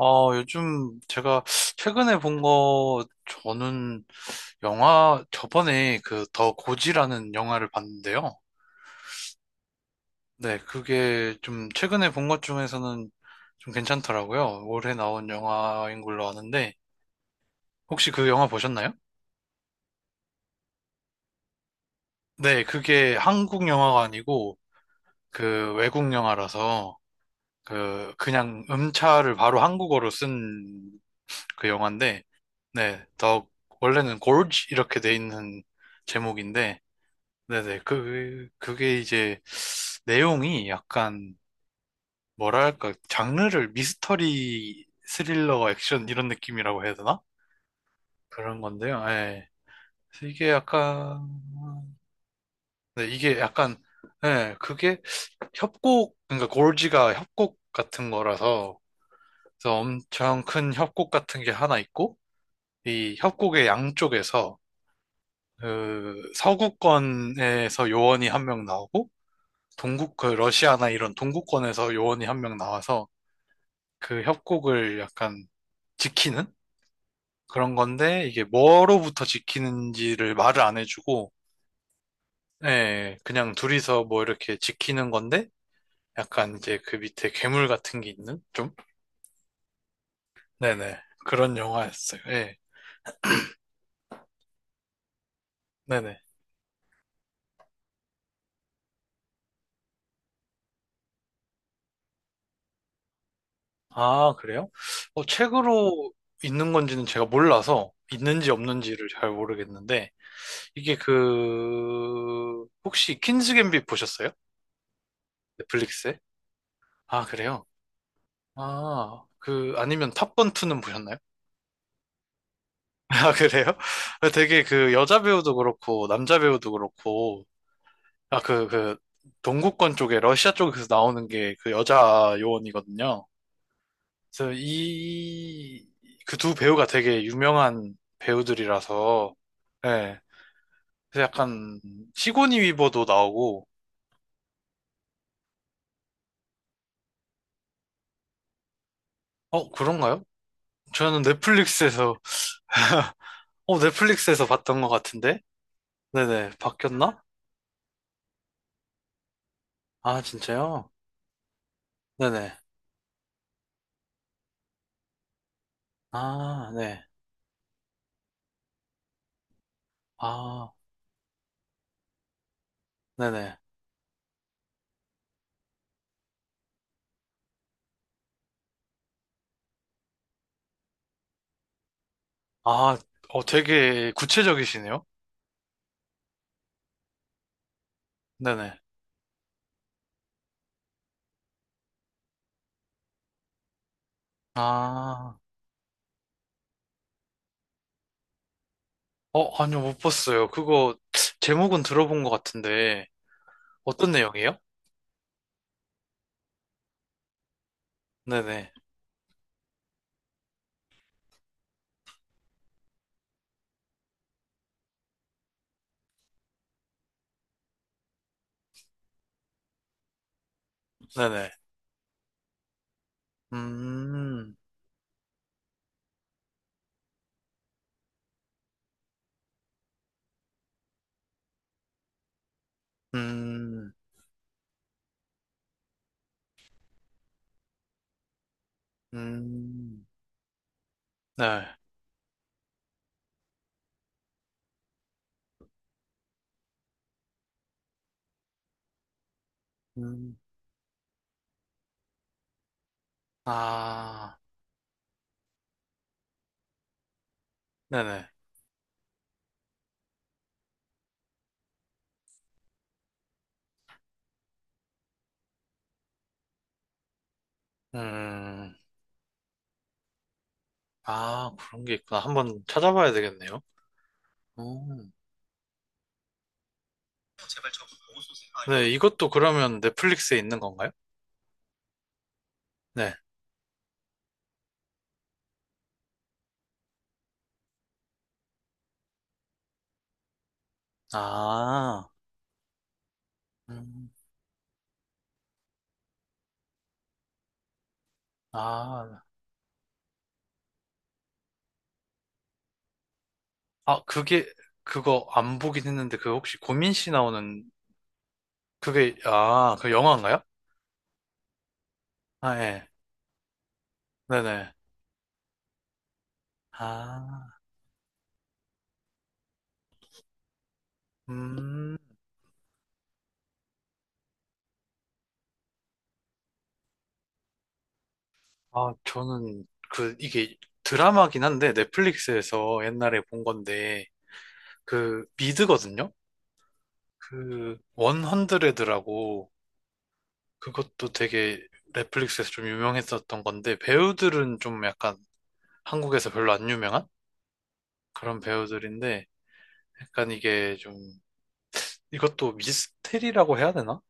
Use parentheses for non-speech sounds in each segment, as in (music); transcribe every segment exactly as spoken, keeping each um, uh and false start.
어, 요즘 제가 최근에 본 거, 저는 영화, 저번에 그 더 고지라는 영화를 봤는데요. 네, 그게 좀 최근에 본 것 중에서는 좀 괜찮더라고요. 올해 나온 영화인 걸로 아는데, 혹시 그 영화 보셨나요? 네, 그게 한국 영화가 아니고 그 외국 영화라서 그 그냥 음차를 바로 한국어로 쓴 그 영화인데, 네, 더 원래는 골지 이렇게 돼 있는 제목인데, 네네. 그, 그게 이제 내용이 약간 뭐랄까, 장르를 미스터리, 스릴러, 액션 이런 느낌이라고 해야 되나? 그런 건데요. 예. 이게 약간, 네, 이게 약간, 예, 그게 협곡, 그러니까 골지가 협곡 같은 거라서, 그래서 엄청 큰 협곡 같은 게 하나 있고, 이 협곡의 양쪽에서, 그, 서구권에서 요원이 한 명 나오고, 동국, 그 러시아나 이런 동구권에서 요원이 한 명 나와서 그 협곡을 약간 지키는 그런 건데 이게 뭐로부터 지키는지를 말을 안 해주고 예, 그냥 둘이서 뭐 이렇게 지키는 건데 약간 이제 그 밑에 괴물 같은 게 있는 좀 네네 그런 영화였어요. 예, 네네. 아, 그래요? 어, 책으로 있는 건지는 제가 몰라서 있는지 없는지를 잘 모르겠는데 이게 그 혹시 퀸즈 갬빗 보셨어요? 넷플릭스에? 아, 그래요? 아, 그, 아니면 탑건투는 보셨나요? (laughs) 아, 그래요? (laughs) 되게 그 여자 배우도 그렇고, 남자 배우도 그렇고, 아, 그, 그, 동구권 쪽에, 러시아 쪽에서 나오는 게 그 여자 요원이거든요. 그래서 이, 그 두 배우가 되게 유명한 배우들이라서, 예. 그래서 약간, 시고니 위버도 나오고, 어, 그런가요? 저는 넷플릭스에서, (laughs) 어, 넷플릭스에서 봤던 것 같은데? 네네, 바뀌었나? 아, 진짜요? 네네. 아, 네. 아, 네네. 아, 어, 되게 구체적이시네요? 네네. 아, 어, 아니요, 못 봤어요. 그거, 제목은 들어본 것 같은데, 어떤 내용이에요? 네네. 네네. 음, 음, 음, 네. 음, 아, 네네. 음, 아, 그런 게 있구나. 한번 찾아봐야 되겠네요. 음. 네, 이것도 그러면 넷플릭스에 있는 건가요? 네. 아, 음, 아, 아, 그게, 그거 안 보긴 했는데, 그 혹시 고민 씨 나오는, 그게, 아, 그 영화인가요? 아, 예. 네네. 아, 음, 아, 저는, 그, 이게 드라마긴 한데, 넷플릭스에서 옛날에 본 건데, 그, 미드거든요? 그, 원헌드레드라고, 그것도 되게 넷플릭스에서 좀 유명했었던 건데, 배우들은 좀 약간 한국에서 별로 안 유명한? 그런 배우들인데, 약간 이게 좀 이것도 미스테리라고 해야 되나?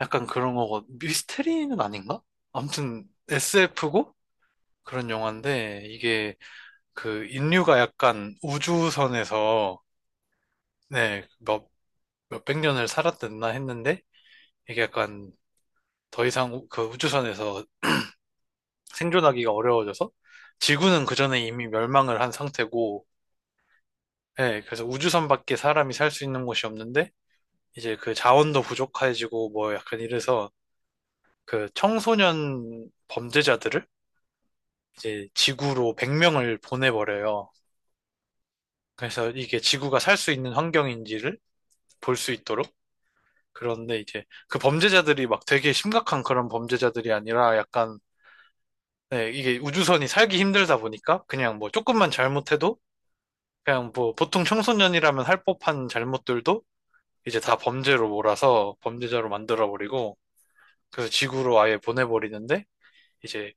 약간 그런 거고 미스테리는 아닌가? 아무튼 에스에프고 그런 영화인데 이게 그 인류가 약간 우주선에서 네, 몇, 몇백 년을 살았댔나 했는데 이게 약간 더 이상 우- 그 우주선에서 생존하기가 어려워져서 지구는 그전에 이미 멸망을 한 상태고 네, 그래서 우주선밖에 사람이 살 수 있는 곳이 없는데 이제 그 자원도 부족해지고 뭐 약간 이래서 그 청소년 범죄자들을 이제 지구로 백 명을 보내버려요. 그래서 이게 지구가 살 수 있는 환경인지를 볼 수 있도록. 그런데 이제 그 범죄자들이 막 되게 심각한 그런 범죄자들이 아니라 약간 네, 이게 우주선이 살기 힘들다 보니까 그냥 뭐 조금만 잘못해도 그냥 뭐 보통 청소년이라면 할 법한 잘못들도 이제 다 범죄로 몰아서 범죄자로 만들어버리고 그래서 지구로 아예 보내버리는데 이제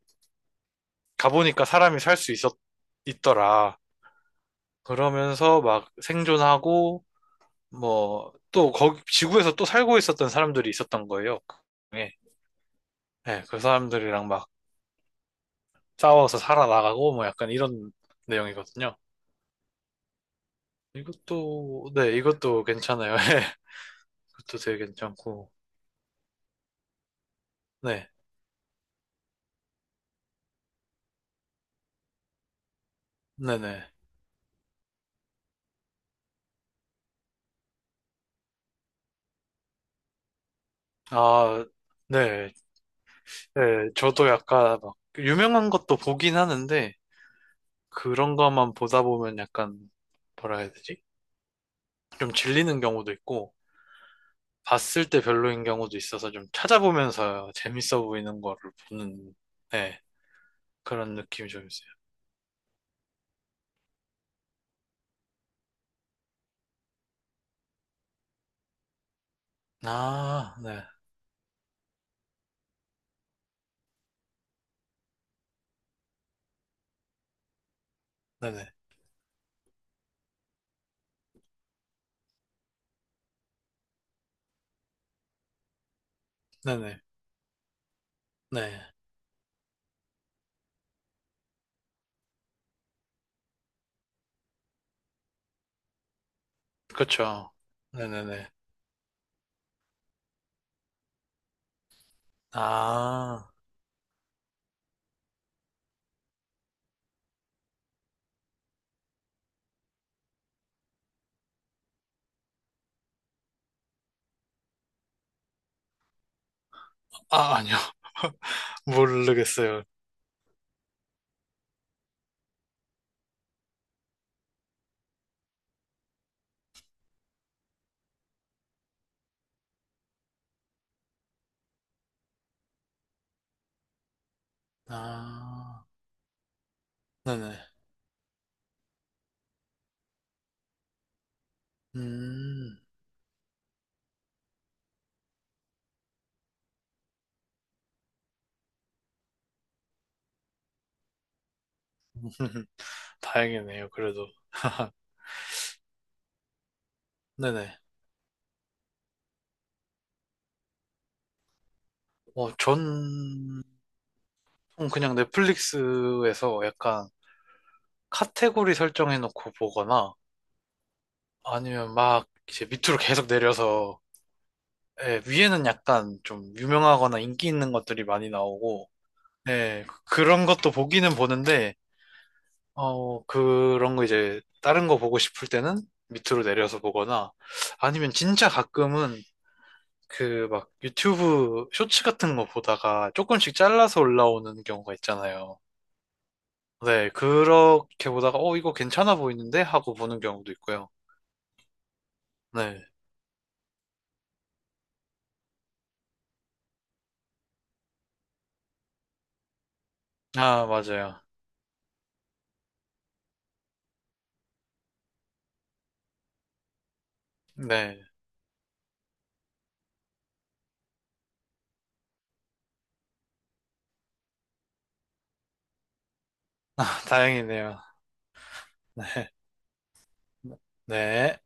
가보니까 사람이 살 수 있었, 있더라. 그러면서 막 생존하고 뭐 또 거기 지구에서 또 살고 있었던 사람들이 있었던 거예요. 그 중에. 네, 그 사람들이랑 막 싸워서 살아나가고 뭐 약간 이런 내용이거든요. 이것도 네, 이것도 괜찮아요. (laughs) 예. 이것도 되게 괜찮고. 네. 네네. 아, 네. 네, 저도 약간 막 유명한 것도 보긴 하는데 그런 것만 보다 보면 약간 뭐라 해야 되지? 좀 질리는 경우도 있고 봤을 때 별로인 경우도 있어서 좀 찾아보면서 재밌어 보이는 거를 보는, 네, 그런 느낌이 좀 있어요. 아, 네, 네네, 네네, 네. 그쵸. 네네네. 아, 아, 아니요. (laughs) 모르겠어요. 아, 네네. 음, (laughs) 다행이네요, 그래도. (laughs) 네네. 어, 전, 그냥 넷플릭스에서 약간 카테고리 설정해놓고 보거나, 아니면 막 이제 밑으로 계속 내려서 예, 위에는 약간 좀 유명하거나 인기 있는 것들이 많이 나오고 예, 그- 그런 것도 보기는 보는데 어 그런 거 이제 다른 거 보고 싶을 때는 밑으로 내려서 보거나 아니면 진짜 가끔은 그 막 유튜브 쇼츠 같은 거 보다가 조금씩 잘라서 올라오는 경우가 있잖아요. 네, 그렇게 보다가 어 이거 괜찮아 보이는데 하고 보는 경우도 있고요. 네. 아, 맞아요. 네. (laughs) 다행이네요. 네. 네.